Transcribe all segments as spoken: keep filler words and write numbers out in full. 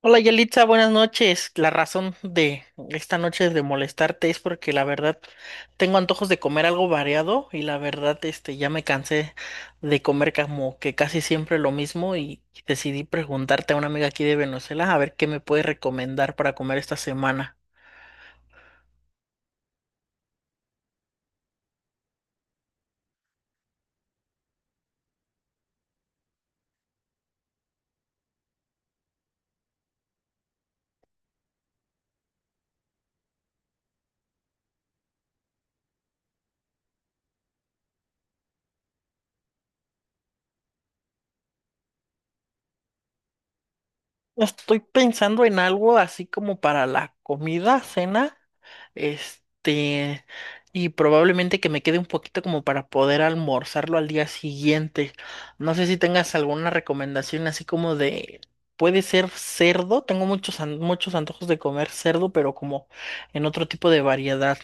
Hola Yelitza, buenas noches. La razón de esta noche de molestarte es porque la verdad tengo antojos de comer algo variado y la verdad este ya me cansé de comer como que casi siempre lo mismo y decidí preguntarte a una amiga aquí de Venezuela a ver qué me puede recomendar para comer esta semana. Estoy pensando en algo así como para la comida, cena. Este, y probablemente que me quede un poquito como para poder almorzarlo al día siguiente. No sé si tengas alguna recomendación así como de, puede ser cerdo, tengo muchos, an- muchos antojos de comer cerdo, pero como en otro tipo de variedad.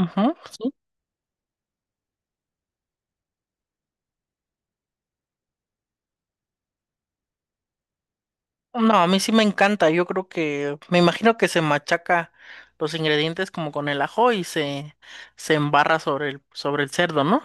Ujú, sí. No, a mí sí me encanta, yo creo que, me imagino que se machaca los ingredientes como con el ajo y se, se embarra sobre el, sobre el cerdo, ¿no?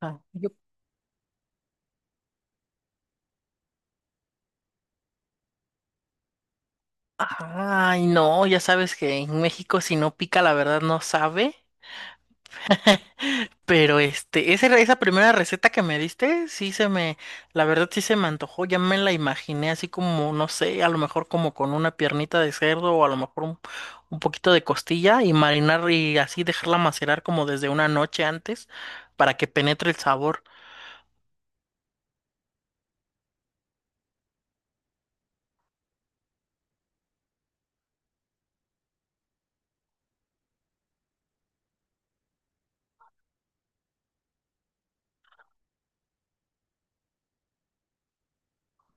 Ah. Ay, no, ya sabes que en México si no pica, la verdad no sabe. Pero este, esa, esa primera receta que me diste, sí se me, la verdad sí se me antojó, ya me la imaginé así como, no sé, a lo mejor como con una piernita de cerdo o a lo mejor un, un poquito de costilla y marinar y así dejarla macerar como desde una noche antes para que penetre el sabor.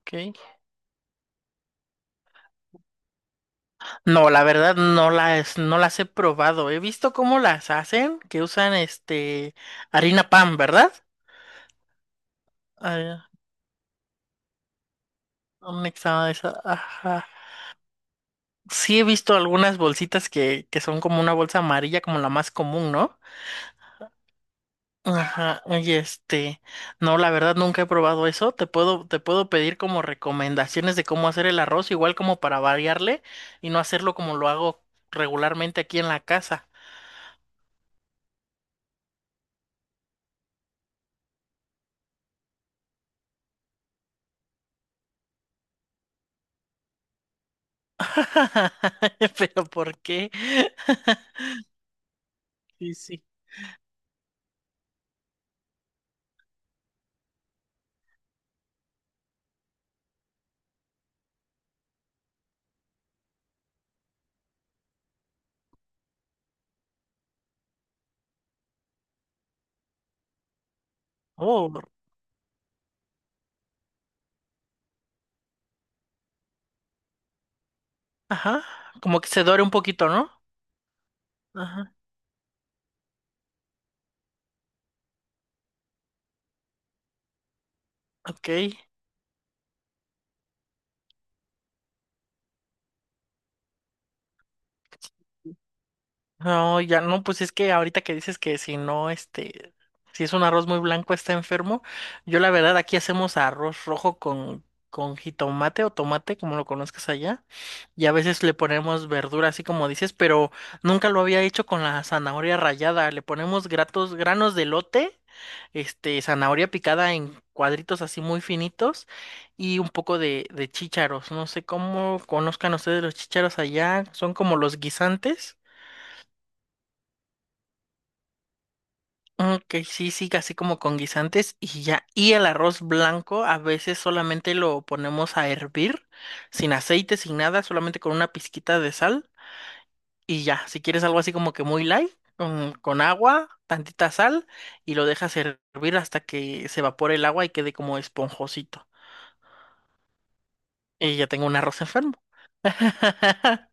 Ok. No, la verdad no las, no las he probado. He visto cómo las hacen, que usan este harina pan, ¿verdad? Ah, un examen de esa. Ajá. Sí he visto algunas bolsitas que, que son como una bolsa amarilla, como la más común, ¿no? Ajá. Oye, este, no, la verdad nunca he probado eso. Te puedo, te puedo pedir como recomendaciones de cómo hacer el arroz, igual como para variarle y no hacerlo como lo hago regularmente aquí en la casa. Pero ¿por qué? Sí, sí. Oh, ajá. Como que se dore un poquito, ¿no? Ajá. Ok. No, ya no, pues es que ahorita que dices que si no, este, si es un arroz muy blanco está enfermo, yo la verdad aquí hacemos arroz rojo con, con jitomate o tomate, como lo conozcas allá, y a veces le ponemos verdura, así como dices, pero nunca lo había hecho con la zanahoria rallada, le ponemos gratos, granos de lote este, zanahoria picada en cuadritos así muy finitos y un poco de, de chícharos. No sé cómo conozcan ustedes los chícharos allá, son como los guisantes. Ok, sí, sí, así como con guisantes y ya. Y el arroz blanco a veces solamente lo ponemos a hervir, sin aceite, sin nada, solamente con una pizquita de sal y ya. Si quieres algo así como que muy light, con, con agua, tantita sal y lo dejas hervir hasta que se evapore el agua y quede como esponjosito. Y ya tengo un arroz enfermo.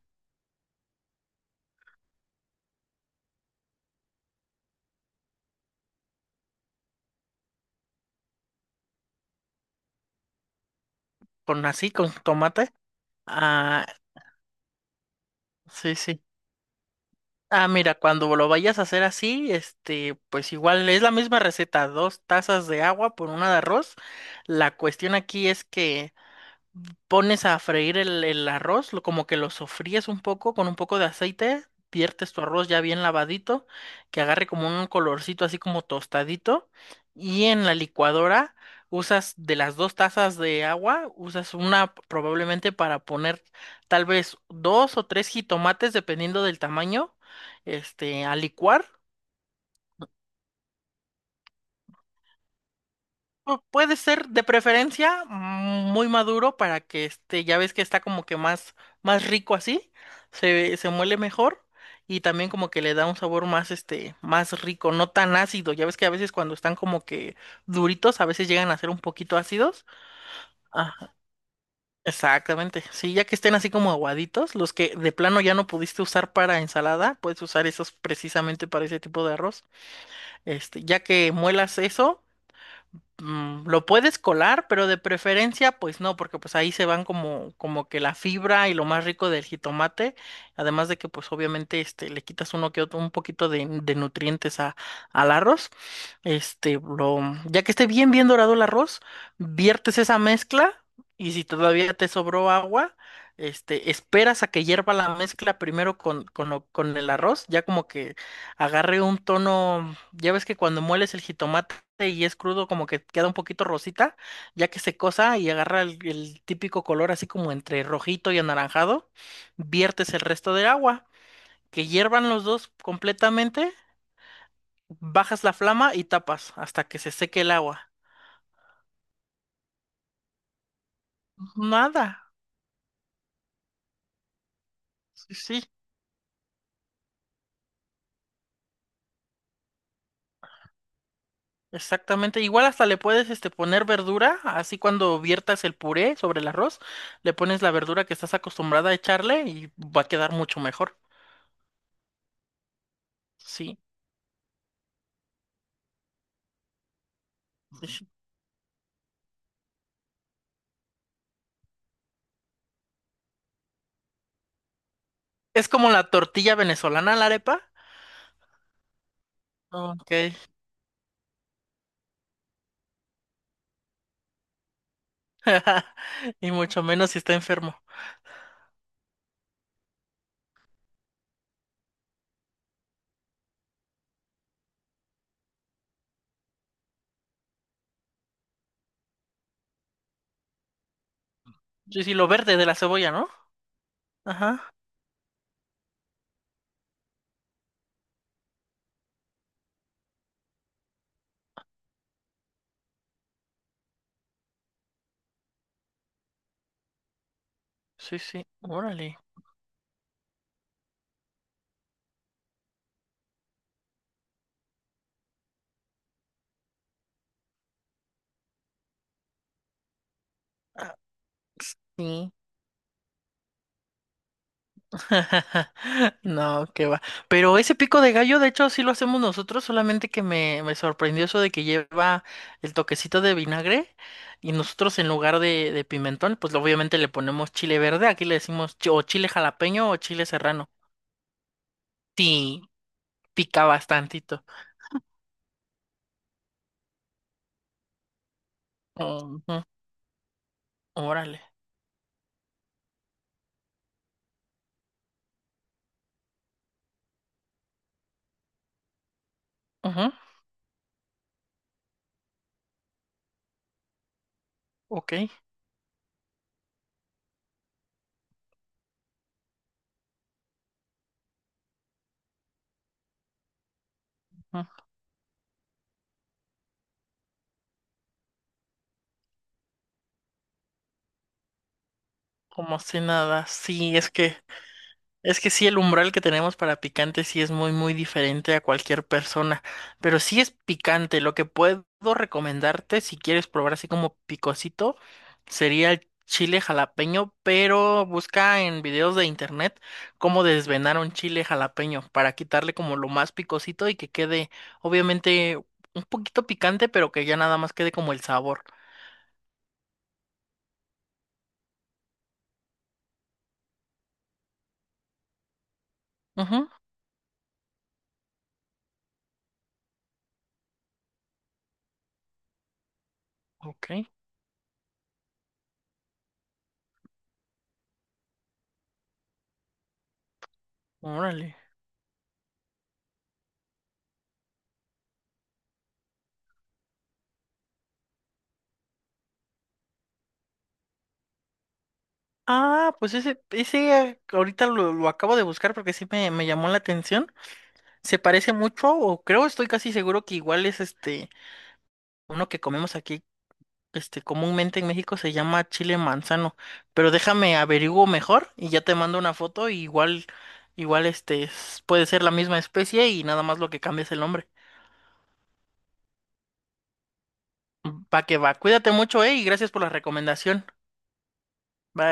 Con así, con tomate. Ah, sí, sí. Ah, mira, cuando lo vayas a hacer así, este, pues igual es la misma receta, dos tazas de agua por una de arroz. La cuestión aquí es que pones a freír el, el arroz, lo- como que lo sofríes un poco con un poco de aceite, viertes tu arroz ya bien lavadito, que agarre como un colorcito así como tostadito, y en la licuadora usas de las dos tazas de agua, usas una probablemente para poner tal vez dos o tres jitomates, dependiendo del tamaño, este, a licuar. Pu- Puede ser de preferencia mm, muy maduro para que este, ya ves que está como que más, más rico así, se, se muele mejor y también como que le da un sabor más, este, más rico, no tan ácido. Ya ves que a veces cuando están como que duritos, a veces llegan a ser un poquito ácidos. Ajá, exactamente. Sí, ya que estén así como aguaditos, los que de plano ya no pudiste usar para ensalada, puedes usar esos precisamente para ese tipo de arroz. Este, ya que muelas eso mm, lo puedes colar, pero de preferencia, pues no, porque pues ahí se van como, como que la fibra y lo más rico del jitomate, además de que pues obviamente este, le quitas uno que otro, un poquito de, de nutrientes a, al arroz. Este, lo, ya que esté bien, bien dorado el arroz, viertes esa mezcla y si todavía te sobró agua, este, esperas a que hierva la mezcla primero con, con, lo- con el arroz, ya como que agarre un tono, ya ves que cuando mueles el jitomate, este, y es crudo, como que queda un poquito rosita, ya que se cosa y agarra el, el típico color así como entre rojito y anaranjado, viertes el resto del agua, que hiervan los dos completamente, bajas la flama y tapas hasta que se seque el agua. Nada, sí, sí, exactamente. Igual hasta le puedes este, poner verdura, así cuando viertas el puré sobre el arroz, le pones la verdura que estás acostumbrada a echarle y va a quedar mucho mejor. Sí, sí, sí. Es como la tortilla venezolana, la arepa. Ok. Y mucho menos si está enfermo. Sí, sí, lo verde de la cebolla, ¿no? Ajá. Sí, sí. Órale. Ah, sí. No, qué va. Pero ese pico de gallo, de hecho, sí lo hacemos nosotros, solamente que me, me sorprendió eso de que lleva el toquecito de vinagre y nosotros en lugar de, de pimentón, pues obviamente le ponemos chile verde, aquí le decimos chi- o chile jalapeño o chile serrano. Sí, pica bastantito. Ujú. Órale. Ujú. Ok. Ujú. Como si nada, sí, es que, es que sí, el umbral que tenemos para picante sí es muy, muy diferente a cualquier persona, pero sí es picante. Lo que puedo recomendarte, si quieres probar así como picosito, sería el chile jalapeño, pero busca en videos de internet cómo desvenar un chile jalapeño para quitarle como lo más picosito y que quede, obviamente, un poquito picante, pero que ya nada más quede como el sabor. Ujú, ok, órale. Ah, pues ese, ese eh, ahorita lo, lo acabo de buscar porque sí me, me llamó la atención. Se parece mucho, o creo, estoy casi seguro que igual es este, uno que comemos aquí, este, comúnmente en México se llama chile manzano. Pero déjame averiguo mejor y ya te mando una foto, y igual, igual este, es- puede ser la misma especie y nada más lo que cambia es el nombre. Mm, Va que va, cuídate mucho, eh, y gracias por la recomendación. Bye.